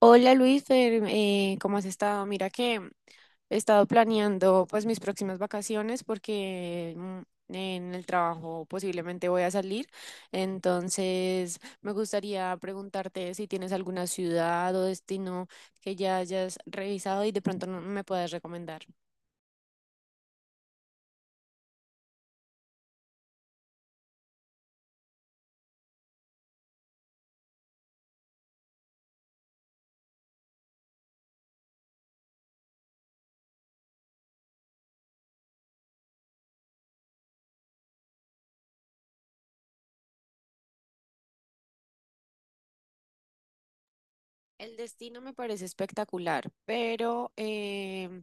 Hola Luis, ¿cómo has estado? Mira que he estado planeando, pues, mis próximas vacaciones porque en el trabajo posiblemente voy a salir. Entonces me gustaría preguntarte si tienes alguna ciudad o destino que ya hayas revisado y de pronto me puedas recomendar. El destino me parece espectacular, pero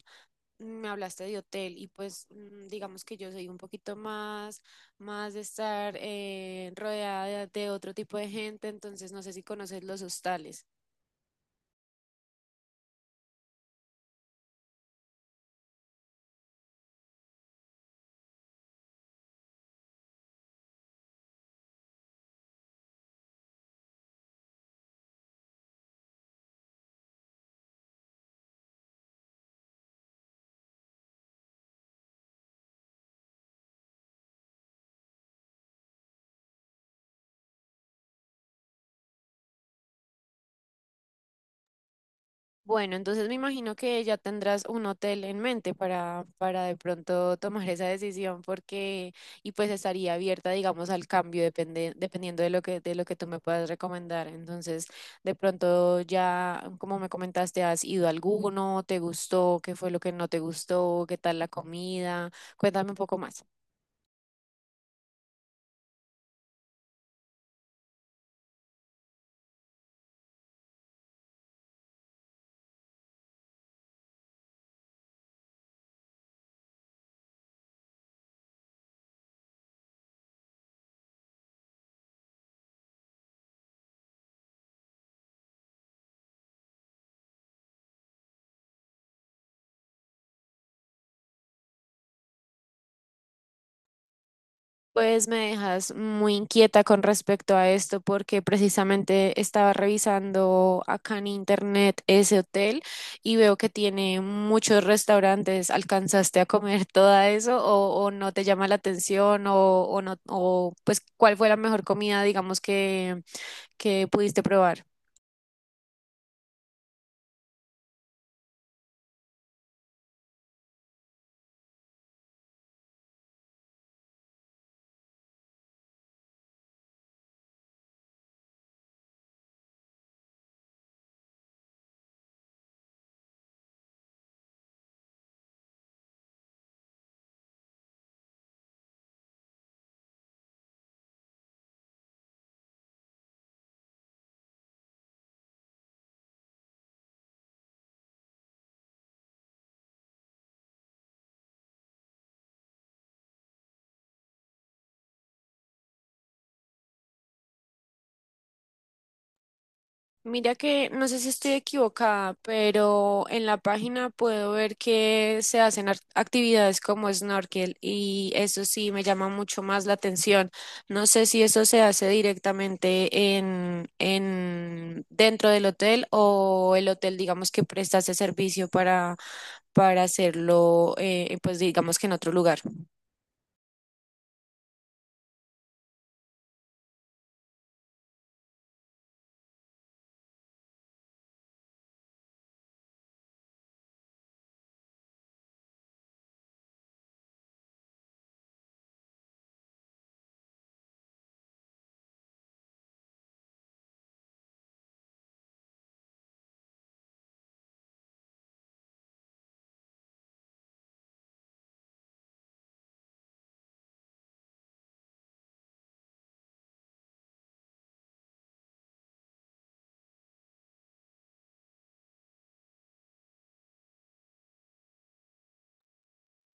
me hablaste de hotel y pues digamos que yo soy un poquito más de estar rodeada de otro tipo de gente. Entonces no sé si conoces los hostales. Bueno, entonces me imagino que ya tendrás un hotel en mente para de pronto tomar esa decisión porque, y pues estaría abierta, digamos, al cambio dependiendo de lo de lo que tú me puedas recomendar. Entonces, de pronto ya, como me comentaste, ¿has ido a alguno? ¿Te gustó? ¿Qué fue lo que no te gustó? ¿Qué tal la comida? Cuéntame un poco más. Pues me dejas muy inquieta con respecto a esto porque precisamente estaba revisando acá en internet ese hotel y veo que tiene muchos restaurantes. ¿Alcanzaste a comer todo eso o no te llama la atención o no, o pues cuál fue la mejor comida, digamos, que pudiste probar? Mira que no sé si estoy equivocada, pero en la página puedo ver que se hacen actividades como snorkel y eso sí me llama mucho más la atención. No sé si eso se hace directamente en dentro del hotel, o el hotel, digamos, que presta ese servicio para hacerlo, pues digamos que en otro lugar.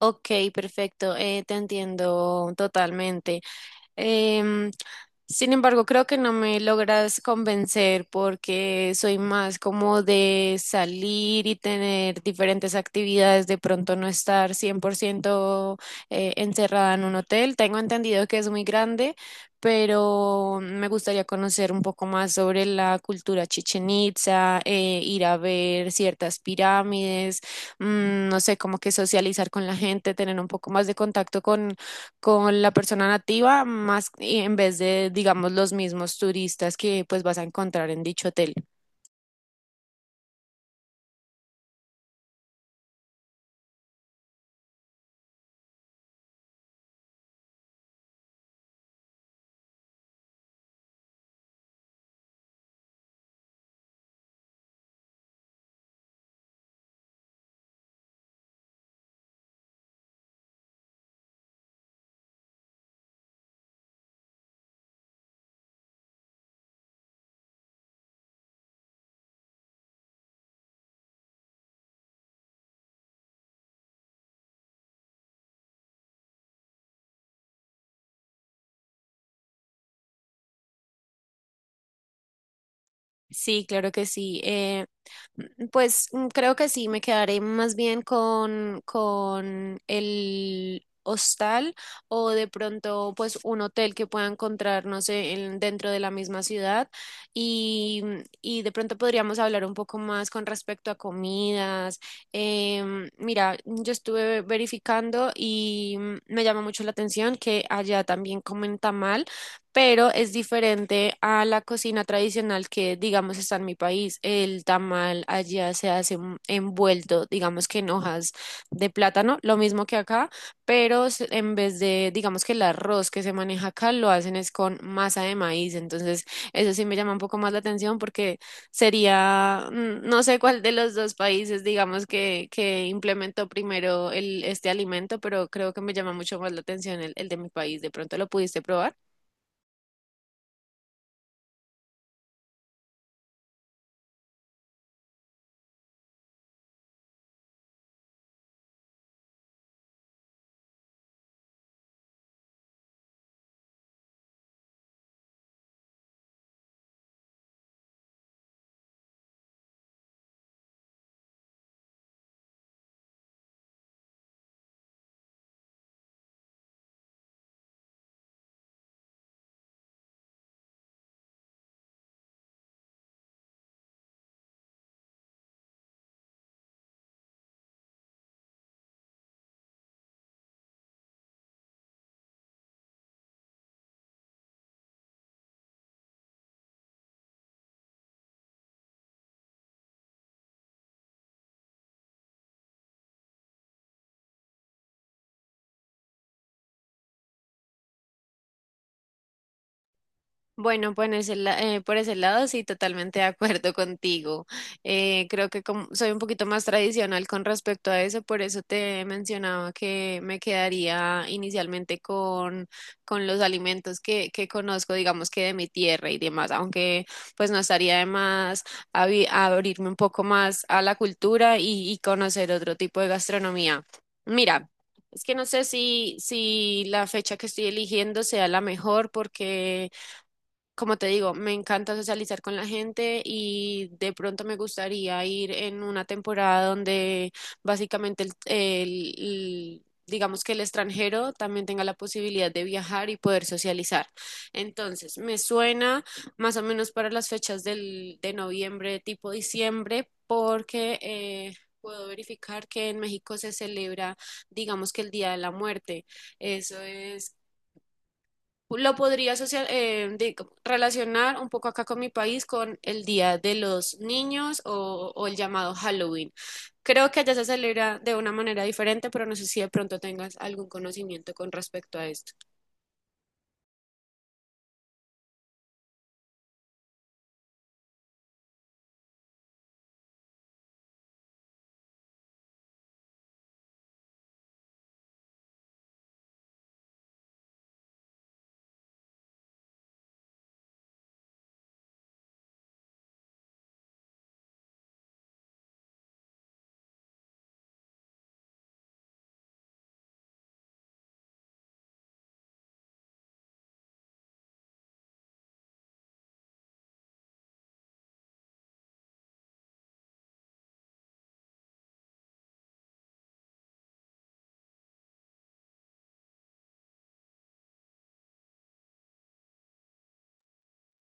Ok, perfecto, te entiendo totalmente. Em, Sin embargo, creo que no me logras convencer porque soy más como de salir y tener diferentes actividades, de pronto no estar 100% encerrada en un hotel. Tengo entendido que es muy grande, pero me gustaría conocer un poco más sobre la cultura Chichen Itza, ir a ver ciertas pirámides, no sé, como que socializar con la gente, tener un poco más de contacto con la persona nativa más, y en vez de, digamos, los mismos turistas que pues vas a encontrar en dicho hotel. Sí, claro que sí. Pues creo que sí, me quedaré más bien con el hostal, o de pronto pues un hotel que pueda encontrar, no sé, dentro de la misma ciudad y, y de pronto podríamos hablar un poco más con respecto a comidas. Mira, yo estuve verificando y me llama mucho la atención que allá también comen tamal, pero es diferente a la cocina tradicional que, digamos, está en mi país. El tamal allá se hace envuelto, digamos, que en hojas de plátano, lo mismo que acá, pero en vez de, digamos, que el arroz que se maneja acá, lo hacen es con masa de maíz. Entonces, eso sí me llama un poco más la atención porque sería, no sé cuál de los dos países, digamos, que implementó primero este alimento, pero creo que me llama mucho más la atención el de mi país. ¿De pronto lo pudiste probar? Bueno, por por ese lado sí, totalmente de acuerdo contigo. Creo que como soy un poquito más tradicional con respecto a eso, por eso te mencionaba que me quedaría inicialmente con los alimentos que conozco, digamos, que de mi tierra y demás, aunque pues no estaría de más abrirme un poco más a la cultura y conocer otro tipo de gastronomía. Mira, es que no sé si la fecha que estoy eligiendo sea la mejor porque, como te digo, me encanta socializar con la gente y de pronto me gustaría ir en una temporada donde básicamente digamos que el extranjero también tenga la posibilidad de viajar y poder socializar. Entonces, me suena más o menos para las fechas de noviembre, tipo diciembre, porque... puedo verificar que en México se celebra, digamos, que el Día de la Muerte. Eso es lo relacionar un poco acá con mi país con el Día de los Niños, o el llamado Halloween. Creo que allá se celebra de una manera diferente, pero no sé si de pronto tengas algún conocimiento con respecto a esto.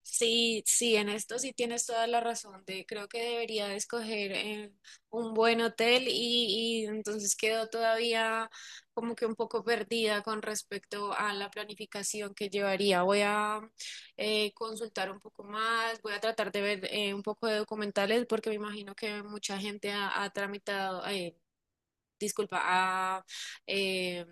Sí, sí, en esto sí tienes toda la razón. De, creo que debería de escoger, un buen hotel, y entonces quedo todavía como que un poco perdida con respecto a la planificación que llevaría. Voy a consultar un poco más, voy a tratar de ver, un poco de documentales, porque me imagino que mucha gente ha tramitado, disculpa, ha eh,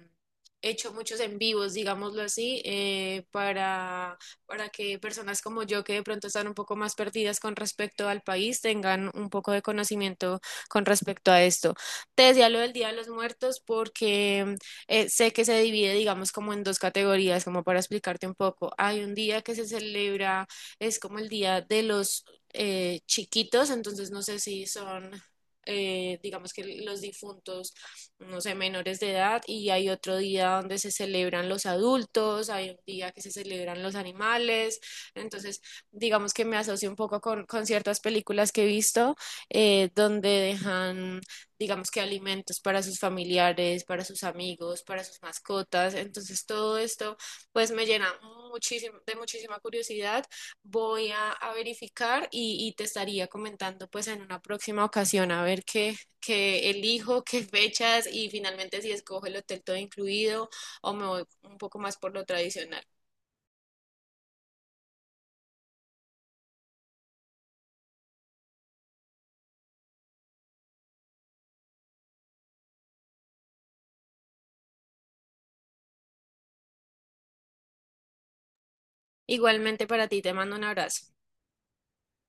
hecho muchos en vivos, digámoslo así, para que personas como yo, que de pronto están un poco más perdidas con respecto al país, tengan un poco de conocimiento con respecto a esto. Te decía lo del Día de los Muertos porque, sé que se divide, digamos, como en dos categorías, como para explicarte un poco. Hay un día que se celebra, es como el Día de los chiquitos, entonces no sé si son, digamos, que los difuntos, no sé, menores de edad, y hay otro día donde se celebran los adultos, hay un día que se celebran los animales. Entonces, digamos que me asocio un poco con ciertas películas que he visto, donde dejan, digamos, que alimentos para sus familiares, para sus amigos, para sus mascotas. Entonces, todo esto pues me llena muchísimo, de muchísima curiosidad. Voy a verificar y te estaría comentando pues en una próxima ocasión, a ver qué que elijo, qué fechas, y finalmente si escojo el hotel todo incluido o me voy un poco más por lo tradicional. Igualmente para ti, te mando un abrazo.